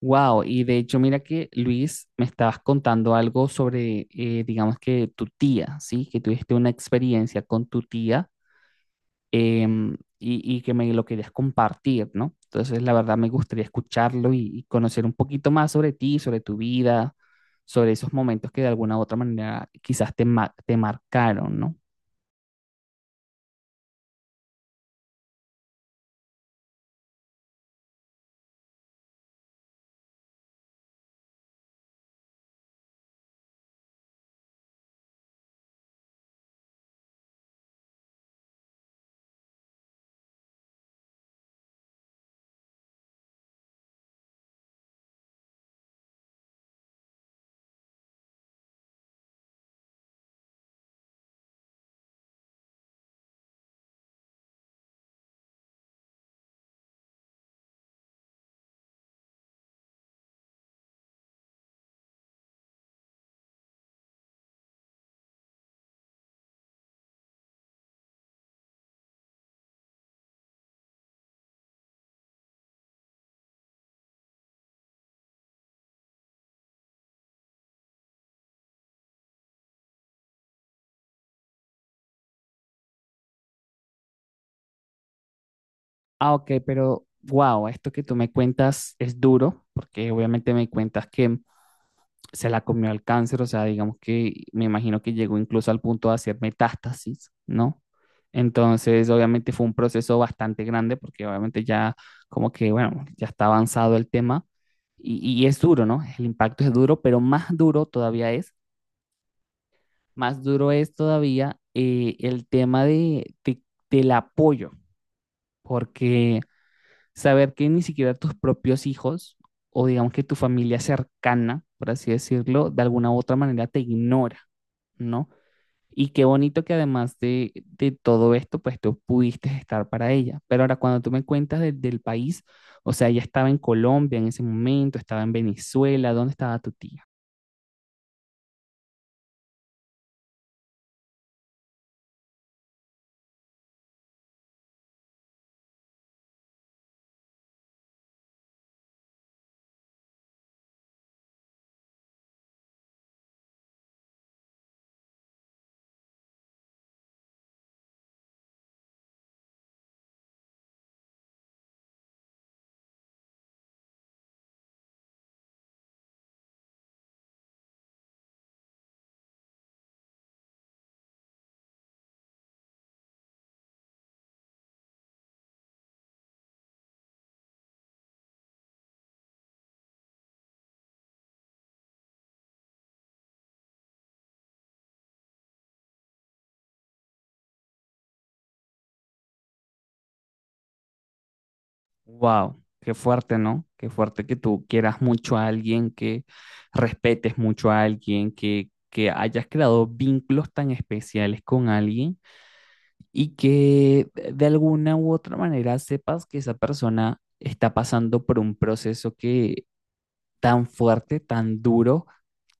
Wow, y de hecho, mira que Luis, me estabas contando algo sobre, digamos que tu tía, ¿sí? Que tuviste una experiencia con tu tía y que me lo querías compartir, ¿no? Entonces, la verdad, me gustaría escucharlo y conocer un poquito más sobre ti, sobre tu vida, sobre esos momentos que de alguna u otra manera quizás te marcaron, ¿no? Ah, ok, pero wow, esto que tú me cuentas es duro, porque obviamente me cuentas que se la comió el cáncer, o sea, digamos que me imagino que llegó incluso al punto de hacer metástasis, ¿no? Entonces, obviamente fue un proceso bastante grande porque obviamente ya como que, bueno, ya está avanzado el tema y es duro, ¿no? El impacto es duro, pero más duro es todavía el tema del apoyo, porque saber que ni siquiera tus propios hijos o digamos que tu familia cercana, por así decirlo, de alguna u otra manera te ignora, ¿no? Y qué bonito que además de todo esto, pues tú pudiste estar para ella. Pero ahora cuando tú me cuentas del país, o sea, ella estaba en Colombia en ese momento, estaba en Venezuela, ¿dónde estaba tu tía? Wow, qué fuerte, ¿no? Qué fuerte que tú quieras mucho a alguien, que respetes mucho a alguien, que hayas creado vínculos tan especiales con alguien y que de alguna u otra manera sepas que esa persona está pasando por un proceso que tan fuerte, tan duro,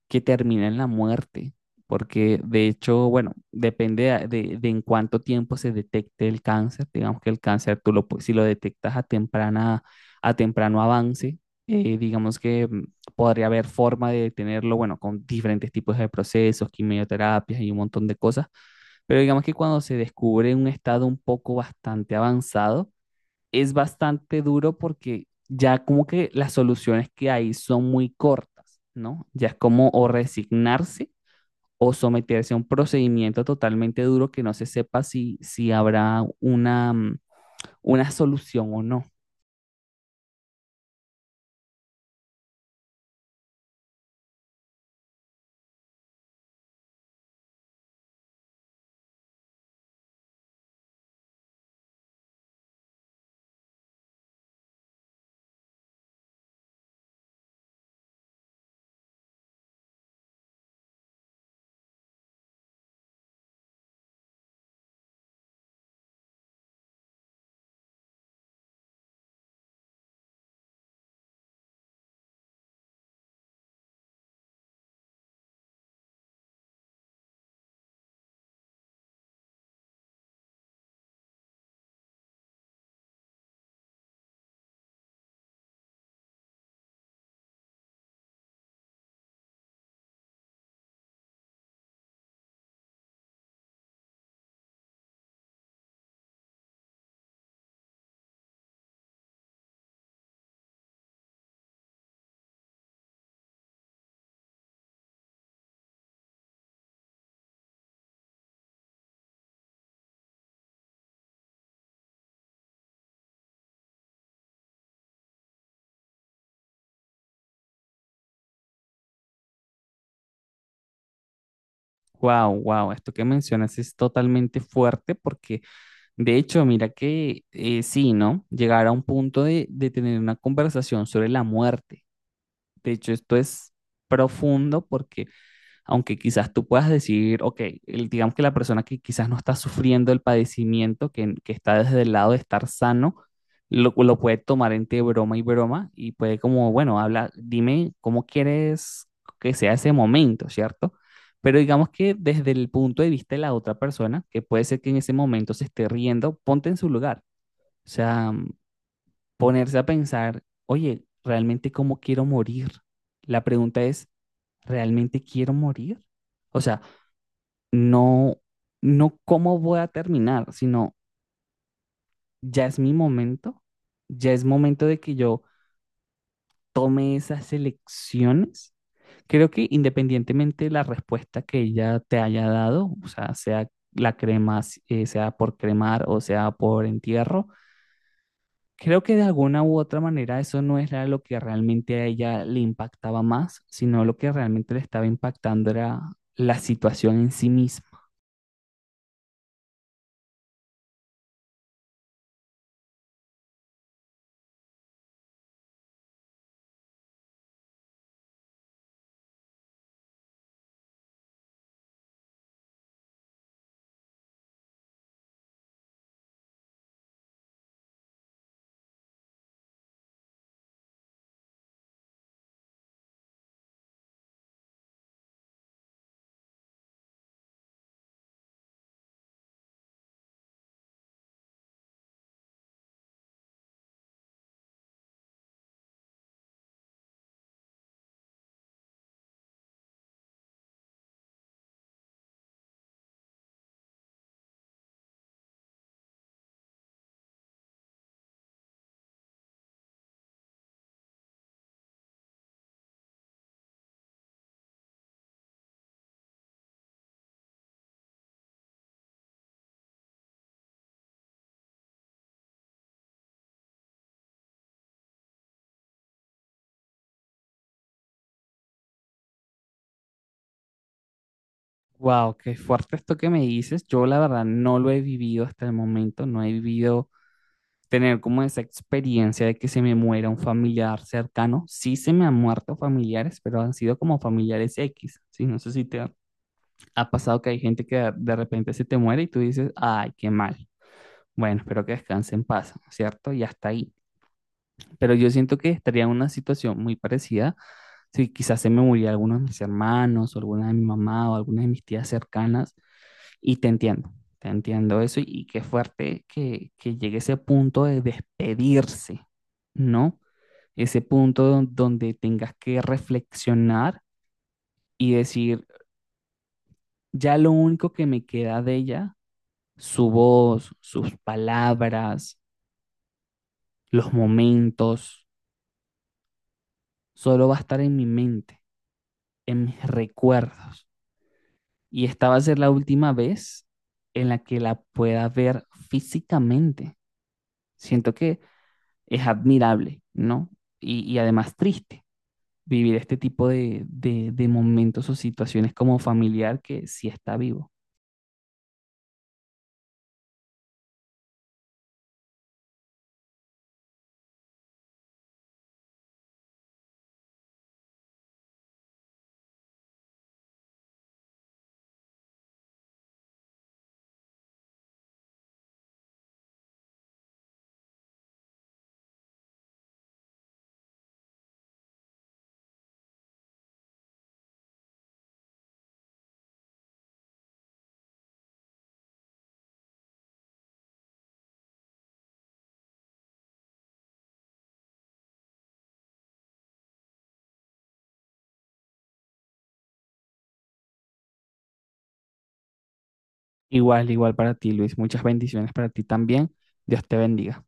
que termina en la muerte. Porque de hecho, bueno, depende de en cuánto tiempo se detecte el cáncer. Digamos que el cáncer, si lo detectas a temprana, a temprano avance, digamos que podría haber forma de detenerlo, bueno, con diferentes tipos de procesos, quimioterapias y un montón de cosas. Pero digamos que cuando se descubre un estado un poco bastante avanzado, es bastante duro porque ya como que las soluciones que hay son muy cortas, ¿no? Ya es como o resignarse o someterse a un procedimiento totalmente duro que no se sepa si habrá una una solución o no. Wow, wow, esto que mencionas es totalmente fuerte porque de hecho, mira que sí, ¿no? Llegar a un punto de tener una conversación sobre la muerte. De hecho, esto es profundo porque aunque quizás tú puedas decir, ok, digamos que la persona que quizás no está sufriendo el padecimiento, que está desde el lado de estar sano, lo puede tomar entre broma y broma y puede como, bueno, habla, dime cómo quieres que sea ese momento, ¿cierto? Pero digamos que desde el punto de vista de la otra persona, que puede ser que en ese momento se esté riendo, ponte en su lugar. O sea, ponerse a pensar, oye, ¿realmente cómo quiero morir? La pregunta es, ¿realmente quiero morir? O sea, no, no cómo voy a terminar, sino ya es mi momento, ya es momento de que yo tome esas elecciones. Creo que independientemente de la respuesta que ella te haya dado, o sea, sea la crema, si, sea por cremar o sea por entierro, creo que de alguna u otra manera eso no era lo que realmente a ella le impactaba más, sino lo que realmente le estaba impactando era la situación en sí misma. Wow, qué fuerte esto que me dices. Yo la verdad no lo he vivido hasta el momento, no he vivido tener como esa experiencia de que se me muera un familiar cercano. Sí se me han muerto familiares, pero han sido como familiares X, ¿sí? No sé si te ha ha pasado que hay gente que de repente se te muere y tú dices, ay, qué mal. Bueno, espero que descanse en paz, ¿cierto? Y hasta ahí. Pero yo siento que estaría en una situación muy parecida si quizás se me muriera alguno de mis hermanos o alguna de mi mamá o alguna de mis tías cercanas. Y te entiendo eso y qué fuerte que llegue ese punto de despedirse, ¿no? Ese punto donde tengas que reflexionar y decir, ya lo único que me queda de ella, su voz, sus palabras, los momentos, solo va a estar en mi mente, en mis recuerdos. Y esta va a ser la última vez en la que la pueda ver físicamente. Siento que es admirable, ¿no? Y además triste vivir este tipo de momentos o situaciones como familiar que sí está vivo. Igual, igual para ti, Luis. Muchas bendiciones para ti también. Dios te bendiga.